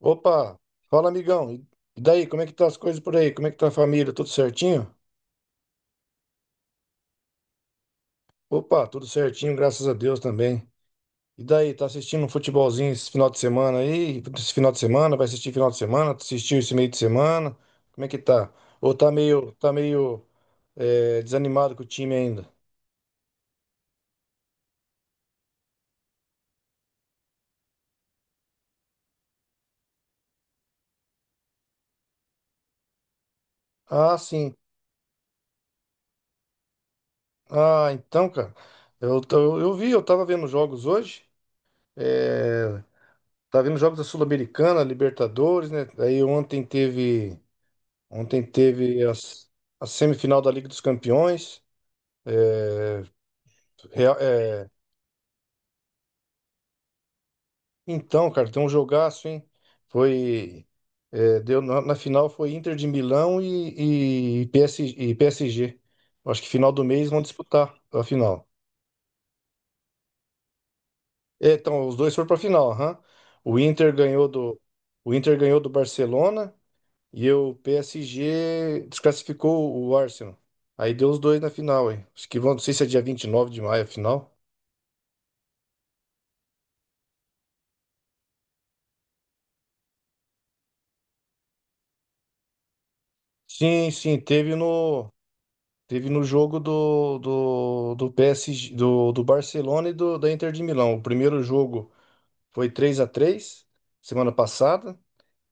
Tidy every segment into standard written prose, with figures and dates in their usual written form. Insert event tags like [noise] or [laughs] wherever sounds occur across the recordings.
Opa, fala amigão. E daí, como é que tá as coisas por aí? Como é que tá a família? Tudo certinho? Opa, tudo certinho, graças a Deus também. E daí, tá assistindo um futebolzinho esse final de semana aí? Esse final de semana, vai assistir final de semana? Assistiu esse meio de semana? Como é que tá? Ou tá meio desanimado com o time ainda? Ah, sim. Ah, então, cara. Eu vi, eu tava vendo jogos hoje. É, tava vendo jogos da Sul-Americana, Libertadores, né? Aí ontem teve. Ontem teve as, a semifinal da Liga dos Campeões. É, Real- é, então, cara, tem um jogaço, hein? Foi. Na final foi Inter de Milão e PSG. Eu acho que final do mês vão disputar a final. É, então, os dois foram para a final. Aham. O Inter ganhou do, o Inter ganhou do Barcelona e o PSG desclassificou o Arsenal. Aí deu os dois na final, hein? Acho que vão, não sei se é dia vinte e nove de maio a final. Sim, sim, teve no, teve no jogo do PSG, do Barcelona e do, da Inter de Milão. O primeiro jogo foi três a três semana passada.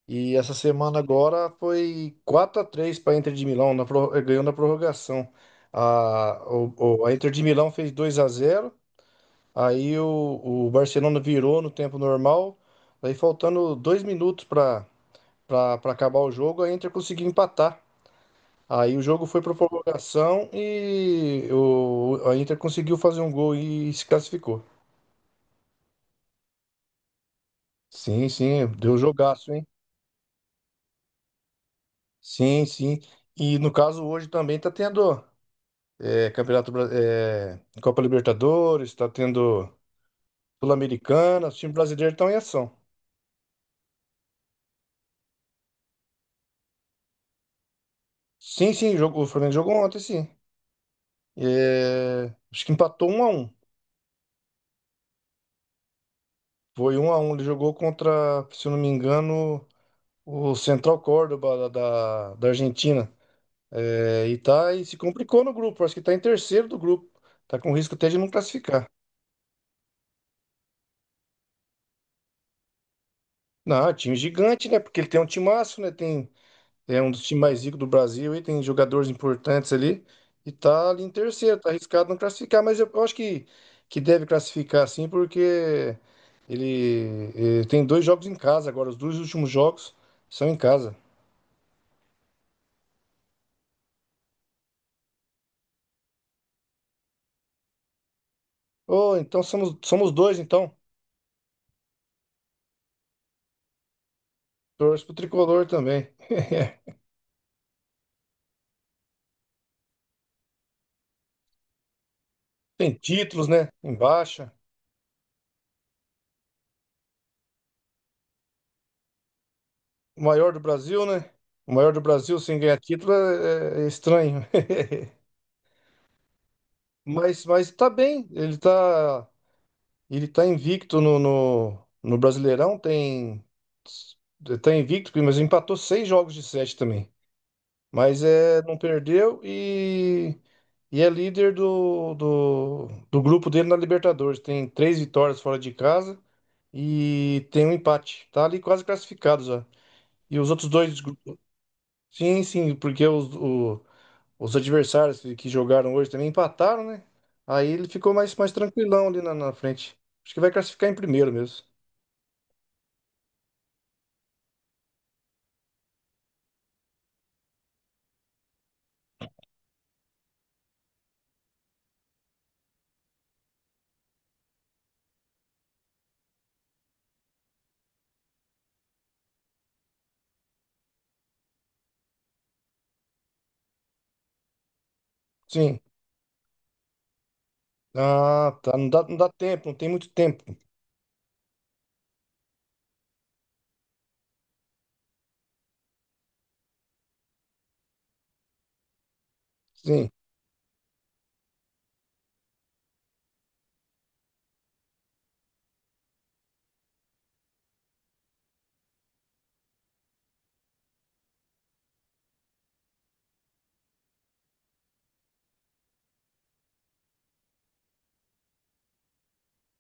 E essa semana agora foi quatro a 3 para a Inter de Milão, ganhou na prorrogação. A Inter de Milão fez dois a zero. O Barcelona virou no tempo normal. Aí faltando dois minutos para para acabar o jogo, a Inter conseguiu empatar. Aí o jogo foi para prorrogação a Inter conseguiu fazer um gol e se classificou. Sim, sim, deu jogaço, hein? Sim, sim. E no caso hoje também tá tendo Campeonato Copa Libertadores, tá tendo Sul-Americana, os times brasileiros estão em ação. Sim, sim, jogou, o Flamengo jogou ontem, sim. É, acho que empatou um a um. Foi um a um. Ele jogou contra, se eu não me engano, o Central Córdoba da da Argentina. E se complicou no grupo. Acho que tá em terceiro do grupo. Tá com risco até de não classificar. Não, é um time gigante, né? Porque ele tem um timaço, né? Tem, é um dos times mais ricos do Brasil e tem jogadores importantes ali. E tá ali em terceiro, tá arriscado não classificar, mas eu acho que deve classificar sim, porque tem dois jogos em casa agora. Os dois últimos jogos são em casa. Oh, então somos, somos dois, então. Torço pro tricolor também. Tem títulos, né? Embaixo. O maior do Brasil, né? O maior do Brasil sem ganhar título é estranho. [laughs] Mas tá bem. Ele tá invicto no Brasileirão. Tem, tá invicto, mas empatou seis jogos de sete também. Mas é, não perdeu e é líder do grupo dele na Libertadores. Tem três vitórias fora de casa e tem um empate. Tá ali quase classificado já. E os outros dois. Sim, sim, porque os, o, Os adversários que jogaram hoje também empataram, né? Aí ele ficou mais, mais tranquilão ali na frente. Acho que vai classificar em primeiro mesmo. Sim. Ah, tá. Não dá, não dá tempo, não tem muito tempo. Sim.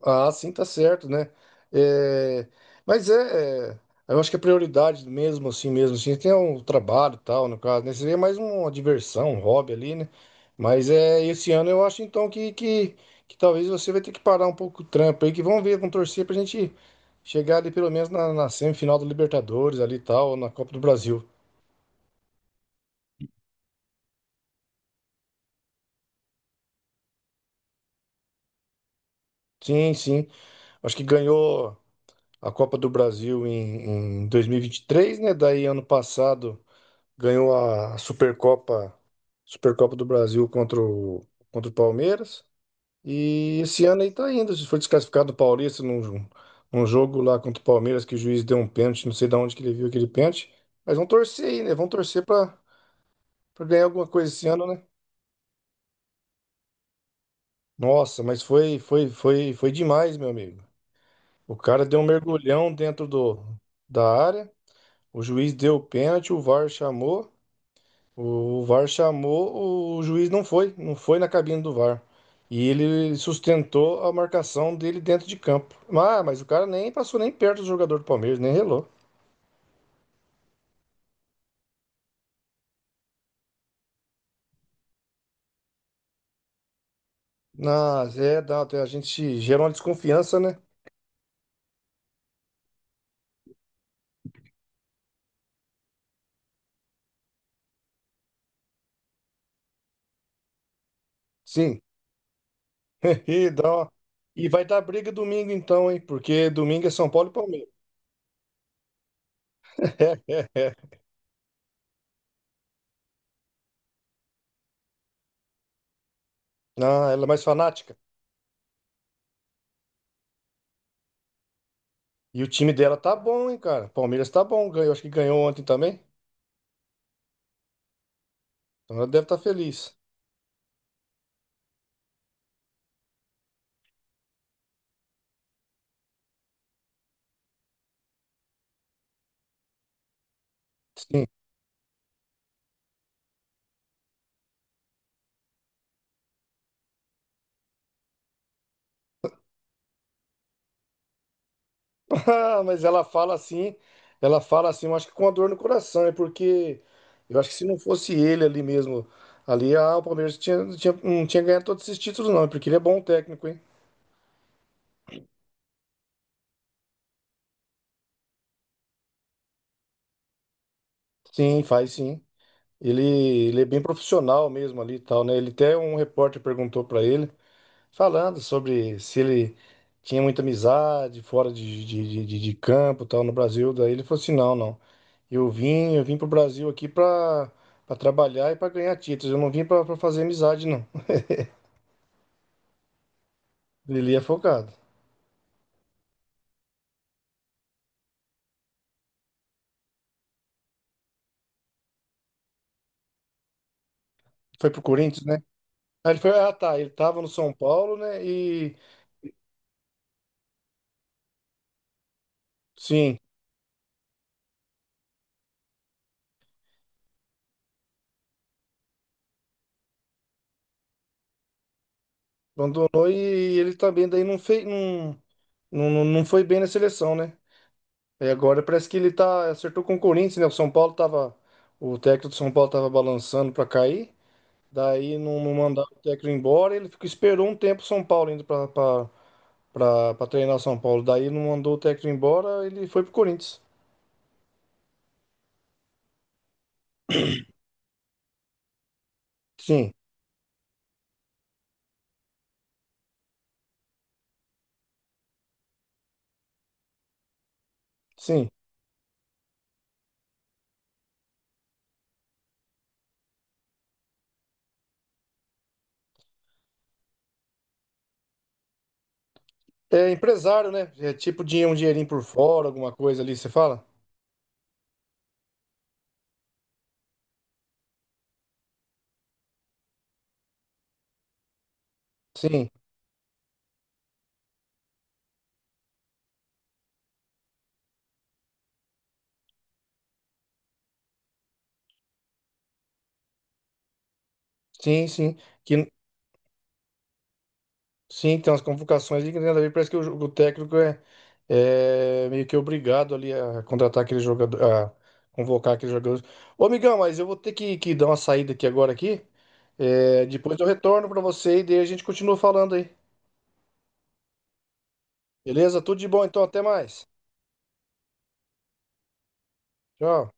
Ah, sim, tá certo, né? É, mas é, é, eu acho que a prioridade mesmo assim, tem um trabalho e tal, no caso, né? Seria mais uma diversão, um hobby ali, né? Mas é, esse ano eu acho então que talvez você vai ter que parar um pouco o trampo aí, que vamos ver com torcer pra gente chegar ali pelo menos na semifinal da Libertadores ali e tal, ou na Copa do Brasil. Sim, sim. Acho que ganhou a Copa do Brasil em dois mil e vinte e três, né? Daí ano passado. Ganhou a Supercopa, Supercopa do Brasil contra o, contra o Palmeiras. E esse ano aí tá indo. Se foi desclassificado do Paulista num jogo lá contra o Palmeiras que o juiz deu um pênalti, não sei de onde que ele viu aquele pênalti. Mas vão torcer aí, né? Pra ganhar alguma coisa esse ano, né? Nossa, mas foi demais, meu amigo. O cara deu um mergulhão da área, o juiz deu o pênalti, o VAR chamou. O VAR chamou, o juiz não foi, não foi na cabine do VAR. E ele sustentou a marcação dele dentro de campo. Ah, mas o cara nem passou nem perto do jogador do Palmeiras, nem relou. Mas é, dá, a gente gera uma desconfiança, né? Sim. [laughs] E, dá uma- e vai dar briga domingo então, hein? Porque domingo é São Paulo e Palmeiras. [laughs] Ah, ela é mais fanática. E o time dela tá bom, hein, cara? Palmeiras tá bom, ganhou, acho que ganhou ontem também. Então ela deve estar feliz. Sim. Ah, mas ela fala assim, eu acho que com a dor no coração, é porque eu acho que se não fosse ele ali mesmo, ali ah, o Palmeiras tinha, não tinha, não tinha ganhado todos esses títulos, não, é porque ele é bom técnico, hein? Sim, faz sim. Ele, ele é bem profissional mesmo ali e tal, né? Ele até um repórter perguntou pra ele. Falando sobre se ele tinha muita amizade fora de campo, tal, no Brasil. Daí ele falou assim, não, não. Eu vim pro Brasil aqui pra para trabalhar e pra ganhar títulos. Eu não vim pra fazer amizade, não. Ele é focado. Foi pro Corinthians, né? Aí ele foi, ah, tá, ele tava no São Paulo, né? E sim, abandonou e ele também daí não fez, não, não não foi bem na seleção, né? Aí agora parece que ele tá acertou com o Corinthians, né? O São Paulo tava o técnico do São Paulo tava balançando pra cair. Daí não, não mandaram o técnico embora, ele ficou, esperou um tempo o São Paulo indo pra treinar o São Paulo. Daí não mandou o técnico embora, ele foi pro Corinthians. Sim, sim. É empresário, né? É tipo um dinheirinho por fora, alguma coisa ali, você fala? Sim, sim, sim. Que, sim, tem umas convocações ali que nada a ver. Parece que o técnico é meio que obrigado ali a contratar aquele jogador, a convocar aqueles jogadores. Ô, amigão, mas eu vou ter que dar uma saída aqui agora aqui. É, depois eu retorno para você e daí a gente continua falando aí. Beleza? Tudo de bom, então. Até mais. Tchau.